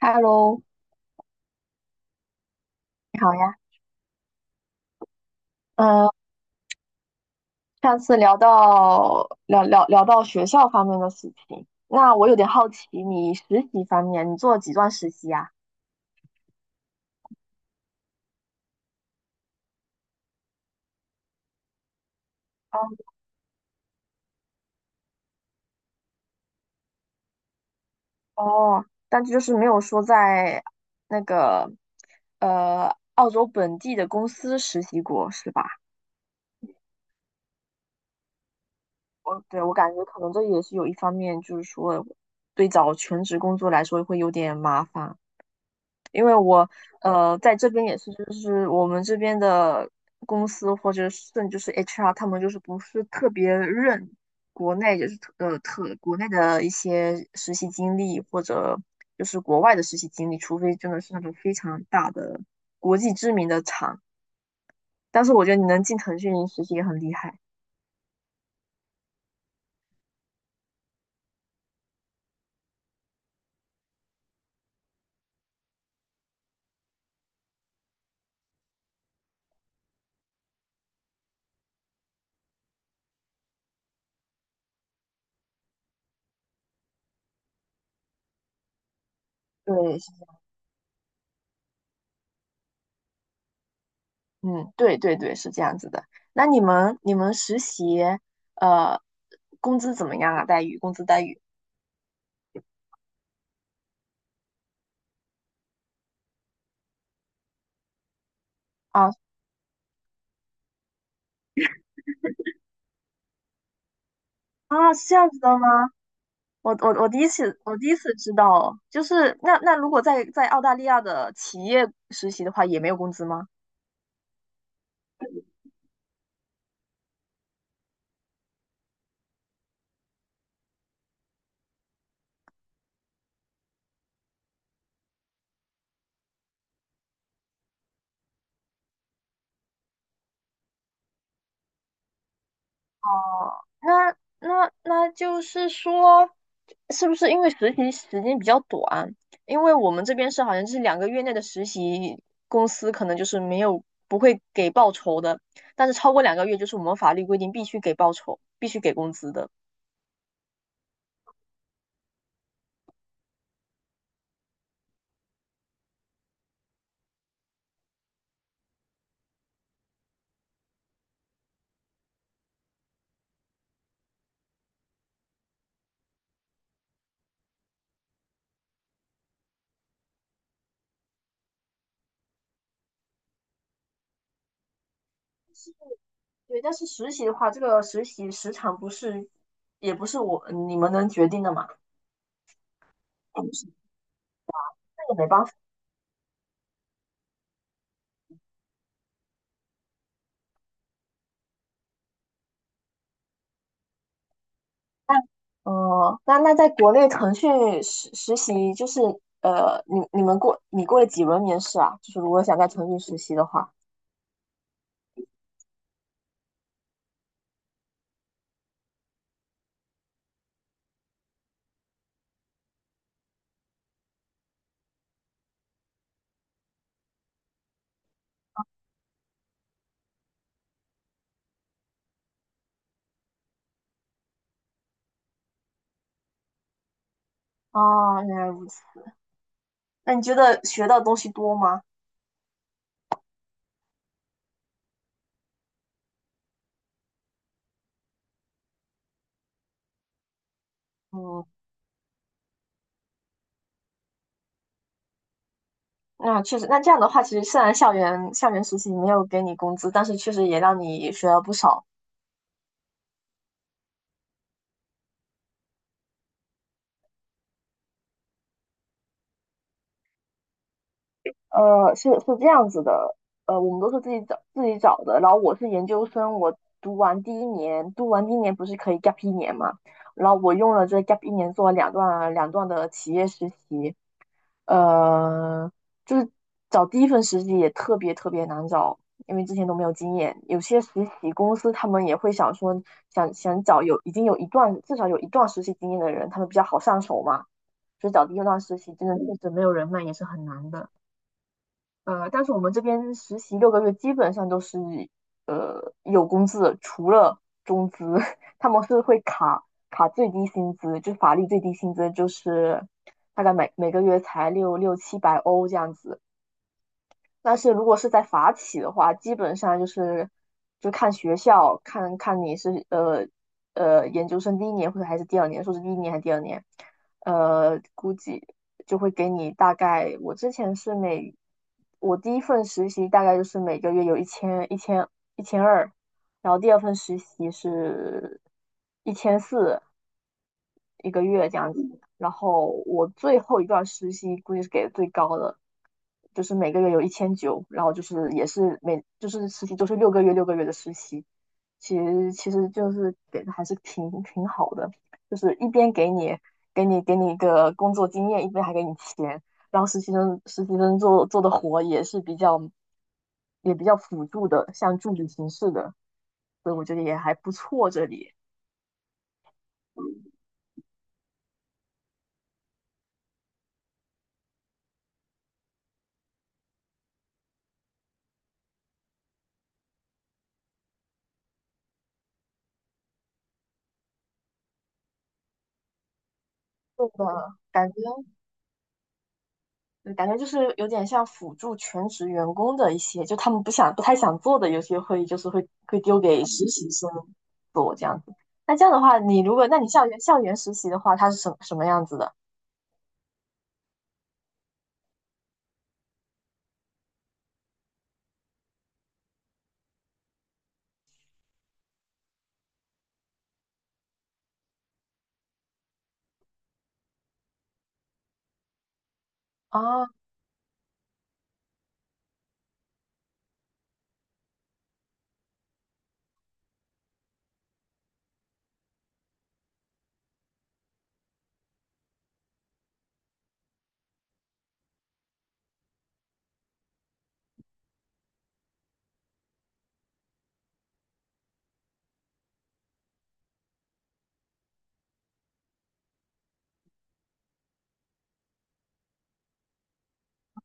Hello，你好呀。嗯，上次聊到学校方面的事情，那我有点好奇，你实习方面你做了几段实习呀？哦哦，但是就是没有说在那个澳洲本地的公司实习过，是吧？我感觉可能这也是有一方面，就是说对找全职工作来说会有点麻烦。因为我在这边也是，就是我们这边的公司或者甚至是 HR，他们就是不是特别认国内就是特国内的一些实习经历或者就是国外的实习经历，除非真的是那种非常大的国际知名的厂。但是我觉得你能进腾讯实习也很厉害。对，是嗯，对对对，是这样子的。那你们实习呃工资怎么样啊？待遇，工资待遇？啊？啊，是这样子的吗？我第一次知道哦就是那如果在澳大利亚的企业实习的话，也没有工资吗？哦，那那那就是说，是不是因为实习时间比较短？因为我们这边是好像是两个月内的实习，公司可能就是没有不会给报酬的，但是超过两个月就是我们法律规定必须给报酬，必须给工资的。对，但是实习的话，这个实习时长不是，也不是你们能决定的嘛，那也没办法。哦、那在国内腾讯实习就是你过了几轮面试啊？就是如果想在腾讯实习的话，哦，原来如此。那你觉得学到的东西多吗？嗯，那确实，那这样的话，其实虽然校园实习没有给你工资，但是确实也让你学了不少。呃，是是这样子的，呃，我们都是自己找的。然后我是研究生，我读完第一年，读完第一年不是可以 gap 一年嘛？然后我用了这 gap 一年做了两段的企业实习，呃，就是找第一份实习也特别特别难找，因为之前都没有经验。有些实习公司他们也会想说，想找有已经有一段至少有一段实习经验的人，他们比较好上手嘛。所以找第一段实习真的确实没有人脉也是很难的。呃，但是我们这边实习六个月基本上都是有工资的，除了中资，他们是会卡最低薪资，就法律最低薪资就是大概每个月才六七百欧这样子，但是如果是在法企的话，基本上就是就看学校，看看你是研究生第一年或者还是第二年，硕士第一年还是第二年，估计就会给你大概。我之前是我第一份实习大概就是每个月有1200，然后第二份实习是1400，一个月这样子。然后我最后一段实习估计是给的最高的，就是每个月有1900，然后就是也是就是实习都是六个月的实习，其实就是给的还是挺好的，就是一边给你一个工作经验，一边还给你钱，然后实习生做的活也是比较也比较辅助的，像助理形式的，所以我觉得也还不错这里。对的，感觉嗯感觉就是有点像辅助全职员工的一些，就他们不太想做的，有些会就是丢给实习生做这样子。那这样的话，你如果那你校园实习的话，它是什么样子的？啊？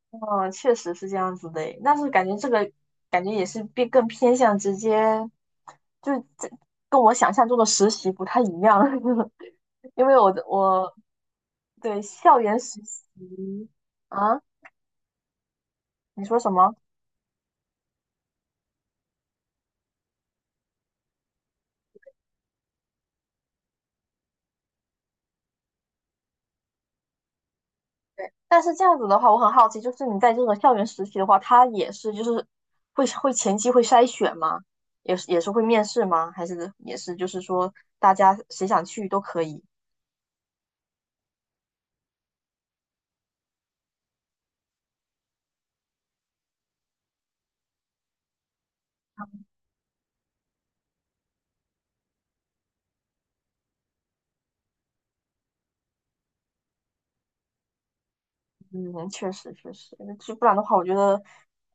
哦，确实是这样子的诶，但是感觉这个感觉也是变更偏向直接，就是这跟我想象中的实习不太一样，因为我对校园实习啊，你说什么？但是这样子的话，我很好奇，就是你在这个校园实习的话，他也是就是前期会筛选吗？也是也是会面试吗？还是也是就是说大家谁想去都可以？嗯，确实确实，就不然的话，我觉得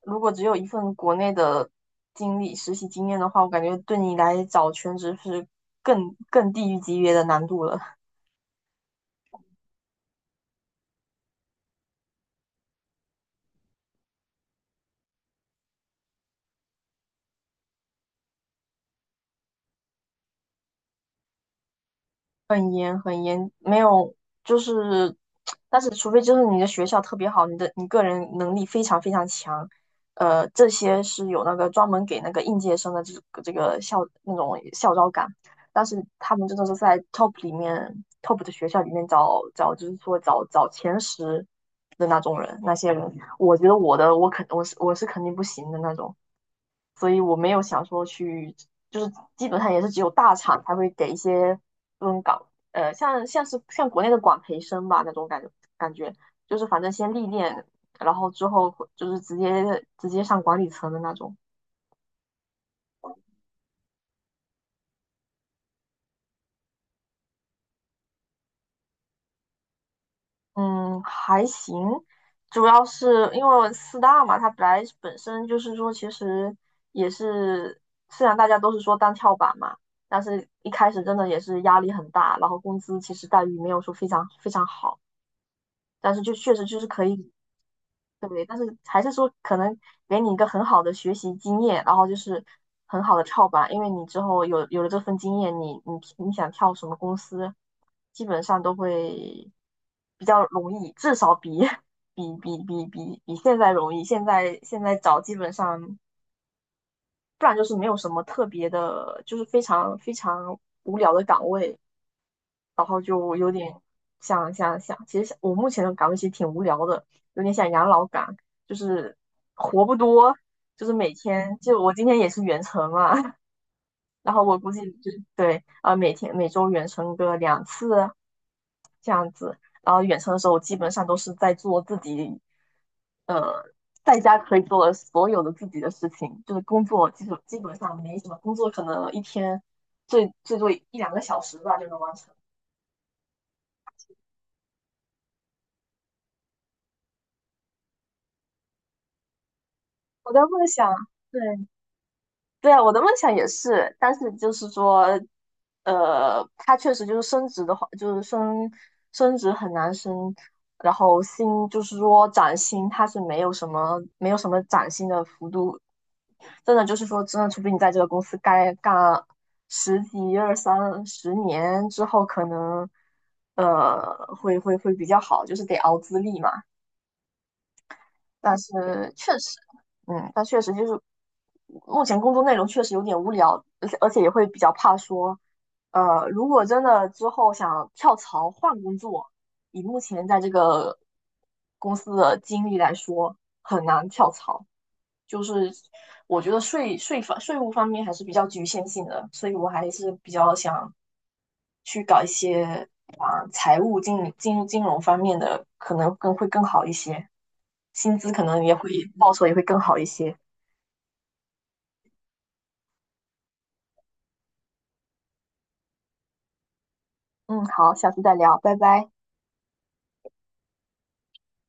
如果只有一份国内的经历实习经验的话，我感觉对你来找全职是更地狱级别的难度了。没有，就是，但是除非就是你的学校特别好，你个人能力非常非常强，呃，这些是有那个专门给那个应届生的这个这个校那种校招岗，但是他们真的是在 top 里面 top 的学校里面找，就是说找前10的那种人，那些人，我觉得我的我肯我是我是肯定不行的那种，所以我没有想说去，就是基本上也是只有大厂才会给一些这种岗。像国内的管培生吧那种感觉，感觉就是反正先历练，然后之后就是直接上管理层的那种。嗯，还行，主要是因为四大嘛，它本来本身就是说，其实也是虽然大家都是说当跳板嘛，但是一开始真的也是压力很大，然后工资其实待遇没有说非常非常好，但是就确实就是可以对，但是还是说可能给你一个很好的学习经验，然后就是很好的跳板，因为你之后有了这份经验，你想跳什么公司，基本上都会比较容易，至少比 比比比比比现在容易。现在找基本上，不然就是没有什么特别的，就是非常非常无聊的岗位。想，其实我目前的岗位其实挺无聊的，有点像养老岗，就是活不多，就是每天就我今天也是远程嘛，然后我估计就是对啊，每周远程个2次这样子，然后远程的时候我基本上都是在做自己，呃，在家可以做的所有的自己的事情，就是工作基本上没什么工作，可能一天最多一两个小时吧就能完成。我在梦想。对，对啊，我的梦想也是，但是就是说，呃，它确实就是升职的话，就是升职很难升，然后就是说涨薪，它是没有什么涨薪的幅度，真的就是说，真的除非你在这个公司该干十几、二三十年之后，可能呃会比较好，就是得熬资历嘛。但是确实，嗯但确实就是目前工作内容确实有点无聊，而且也会比较怕说，呃，如果真的之后想跳槽换工作，以目前在这个公司的经历来说，很难跳槽。就是我觉得税务方面还是比较局限性的，所以我还是比较想去搞一些啊财务金融方面的，可能更会更好一些，薪资可能也会高一些。嗯，好，下次再聊，拜拜。